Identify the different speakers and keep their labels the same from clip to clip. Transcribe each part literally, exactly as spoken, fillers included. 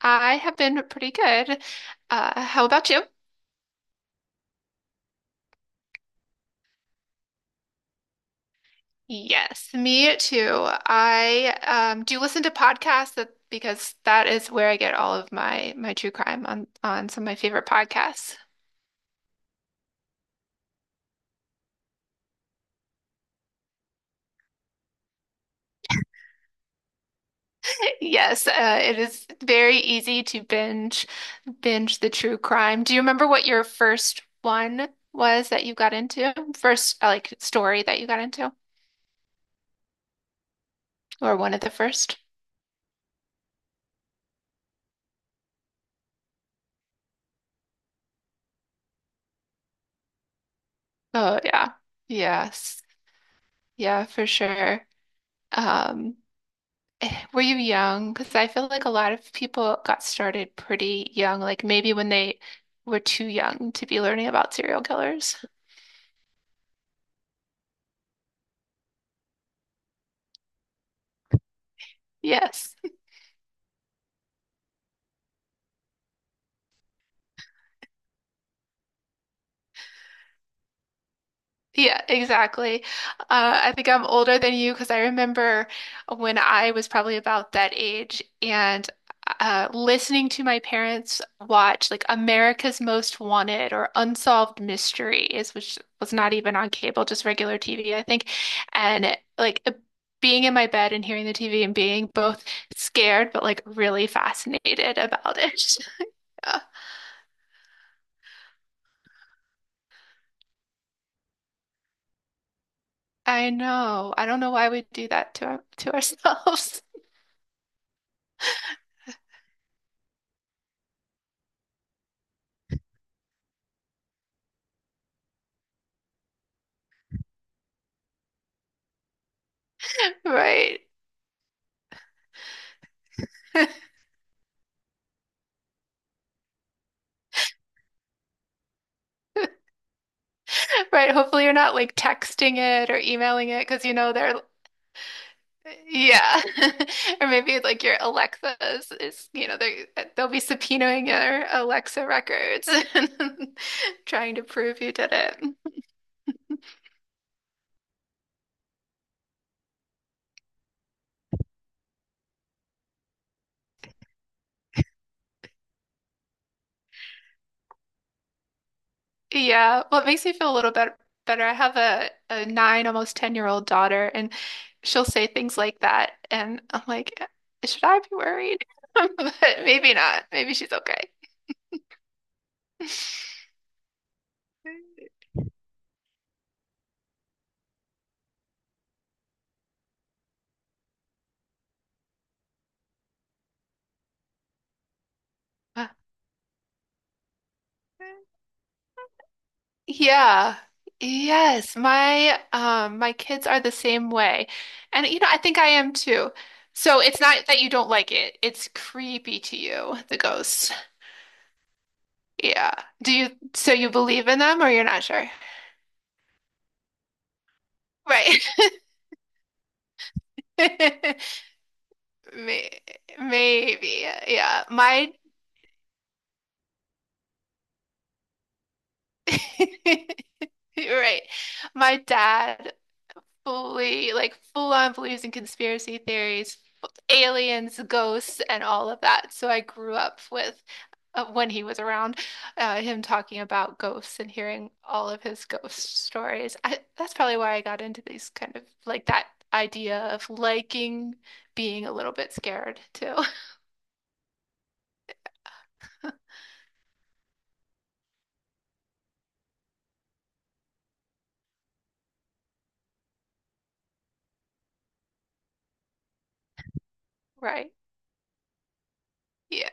Speaker 1: I have been pretty good. Uh, how about you? Yes, me too. I um, do listen to podcasts that, because that is where I get all of my my true crime on on some of my favorite podcasts. Yes, uh, it is very easy to binge binge the true crime. Do you remember what your first one was that you got into? First, uh, like story that you got into, or one of the first? Oh yeah, yes, yeah, for sure. Um, Were you young? Because I feel like a lot of people got started pretty young, like maybe when they were too young to be learning about serial killers. Yes. Yeah, exactly. Uh, I think I'm older than you because I remember when I was probably about that age and uh, listening to my parents watch like America's Most Wanted or Unsolved Mysteries, which was not even on cable, just regular T V, I think. And like uh, being in my bed and hearing the T V and being both scared but like really fascinated about it. Yeah. I know. I don't know why we do that to our, to ourselves. Right. Right. Hopefully you're not like texting it or emailing it because you know they're yeah. Or maybe like your Alexa is, is you know they they'll be subpoenaing your Alexa records and trying to prove you did it. Yeah. Well, it makes me feel a little bit better. I have a a nine, almost ten year old daughter and she'll say things like that and I'm like, should I be worried? But maybe not. Maybe she's okay. Uh, Yeah. Yes, my um my kids are the same way. And you know, I think I am too. So it's not that you don't like it. It's creepy to you, the ghosts. Yeah. Do you so you believe in them or you're not sure? Right. May- Maybe. Yeah. My Right. My dad fully like full on beliefs in conspiracy theories, aliens, ghosts, and all of that. So I grew up with uh, when he was around, uh, him talking about ghosts and hearing all of his ghost stories. I, that's probably why I got into these kind of like that idea of liking being a little bit scared too. Right. Yeah.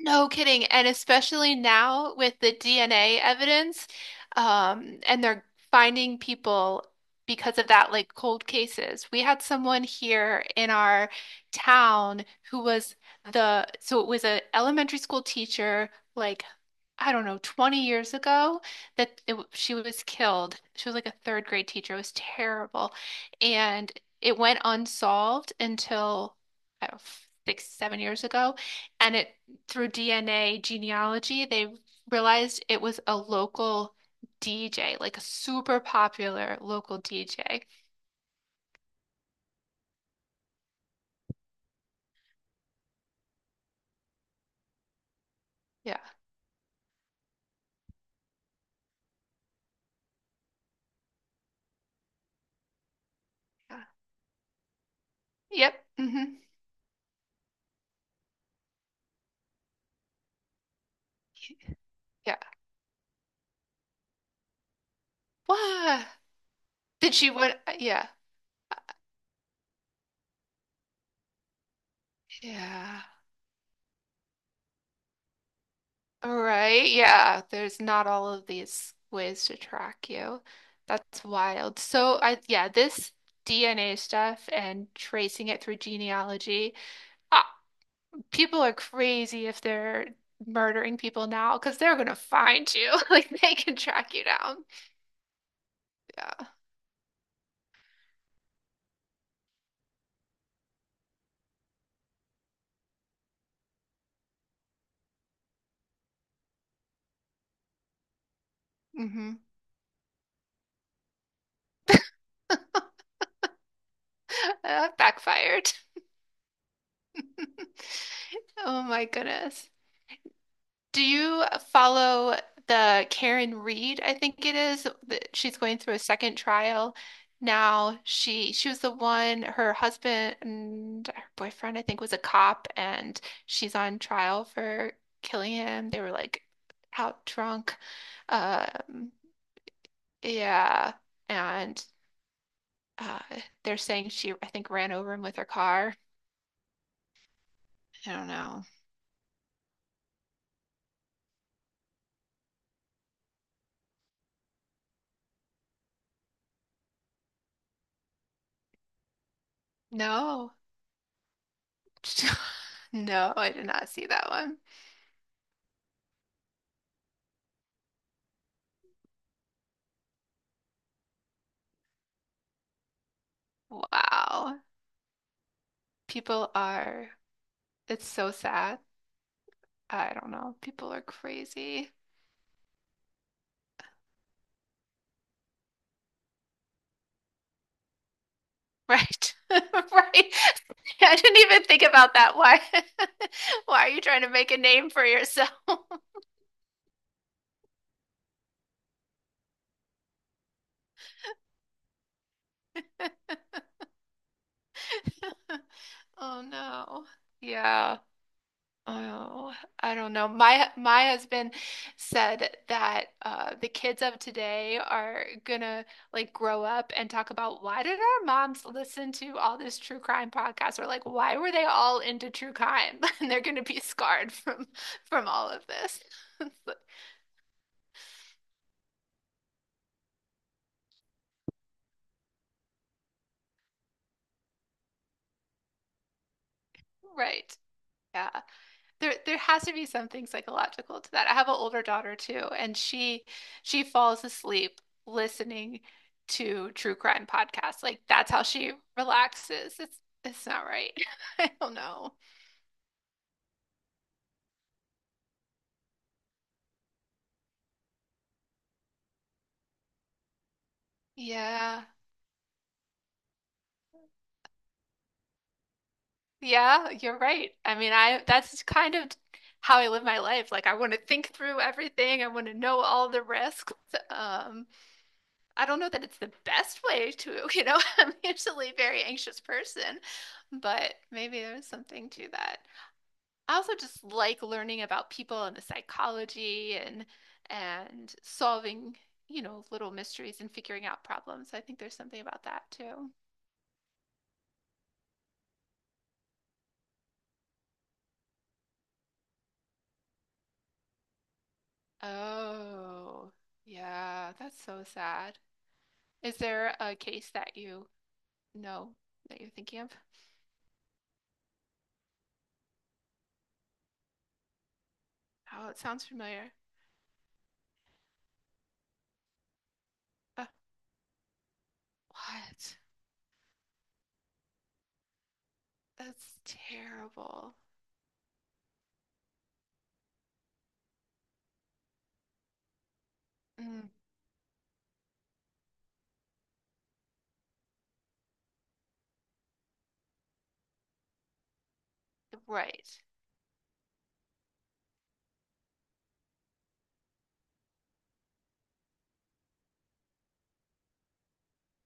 Speaker 1: No kidding. And especially now with the D N A evidence, um, and they're finding people because of that, like cold cases. We had someone here in our town who was the, so it was an elementary school teacher, like, I don't know, twenty years ago that it, w- she was killed. She was like a third grade teacher. It was terrible. And it went unsolved until I don't know, six, seven years ago. And it Through D N A genealogy, they realized it was a local D J, like a super popular local D J. Yeah. Yeah. Yep. hmm Yeah. Wow. Did she would yeah. Yeah. All right. Yeah. There's not all of these ways to track you. That's wild. So I yeah, this D N A stuff and tracing it through genealogy. I, people are crazy if they're murdering people now because they're gonna find you. Like they can track you down. Yeah. hmm That backfired. Oh my goodness. Do you follow the Karen Reed, I think it is, that she's going through a second trial now. She she was the one, her husband and her boyfriend, I think, was a cop and she's on trial for killing him. They were like out drunk. Um, Yeah. And uh they're saying she I think ran over him with her car. I don't know. No. No, I did not see that one. Wow. People are it's so sad. I don't know. People are crazy. Right. Right. I didn't even think about that. Why why are you trying to make a name for yourself? Oh no. Yeah. Oh, I don't know. My my husband said that uh, the kids of today are gonna like grow up and talk about why did our moms listen to all this true crime podcast? Or like why were they all into true crime? And they're gonna be scarred from from all of this. Right. Yeah. there there has to be something psychological to that. I have an older daughter too, and she she falls asleep listening to true crime podcasts. Like that's how she relaxes. It's it's not right. I don't know. Yeah. Yeah, you're right. I mean, I that's kind of how I live my life. Like I want to think through everything. I want to know all the risks. Um, I don't know that it's the best way to, you know, I'm usually a very anxious person, but maybe there's something to that. I also just like learning about people and the psychology and and solving, you know, little mysteries and figuring out problems. I think there's something about that too. Oh, yeah, that's so sad. Is there a case that you know that you're thinking of? Oh, it sounds familiar. Uh, what? That's terrible. Mm. Right.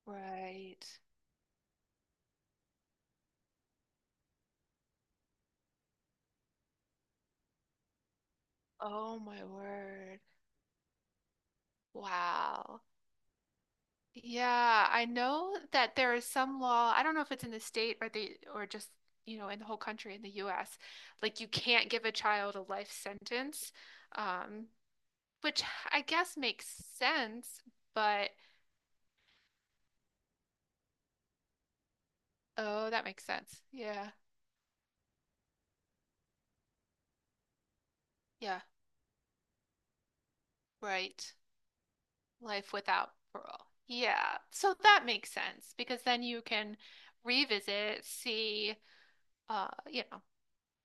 Speaker 1: Right. Oh my word. Wow. Yeah, I know that there is some law. I don't know if it's in the state or the or just, you know, in the whole country in the U S. Like you can't give a child a life sentence. Um, which I guess makes sense, but oh, that makes sense. Yeah. Yeah, right. Life without parole. Yeah. So that makes sense because then you can revisit, see uh, you know,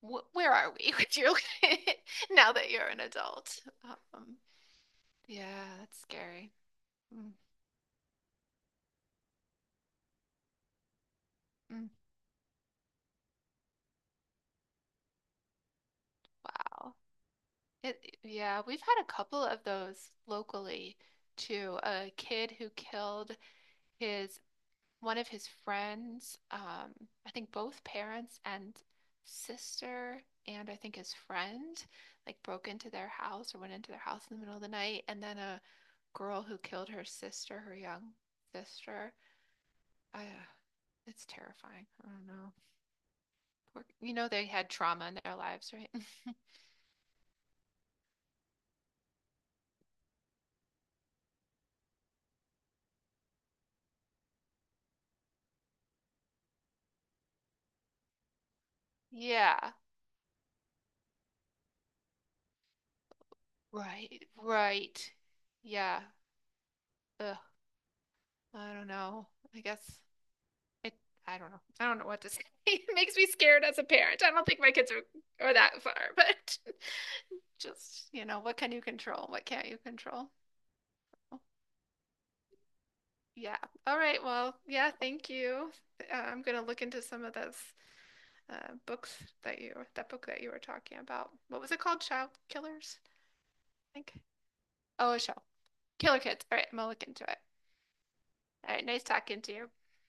Speaker 1: wh where are we with you now that you're an adult? Um, yeah, that's scary. Mm, mm, wow. It, yeah, we've had a couple of those locally too. A kid who killed his one of his friends, um, I think both parents and sister, and I think his friend, like broke into their house or went into their house in the middle of the night, and then a girl who killed her sister, her young sister. I, uh, it's terrifying. I don't know. Poor, you know, they had trauma in their lives, right? yeah. Right. Right. Yeah. Ugh. I don't know. I guess it, I don't know. I don't know what to say. It makes me scared as a parent. I don't think my kids are, are that far, but just, you know, what can you control? What can't you control? Oh, Yeah. All right. Well, yeah, thank you. Uh, I'm going to look into some of those uh, books that you that book that you were talking about. What was it called? Child Killers, I think. Oh, a show. Killer Kids. All right, I'm gonna look into it. All right, nice talking to you.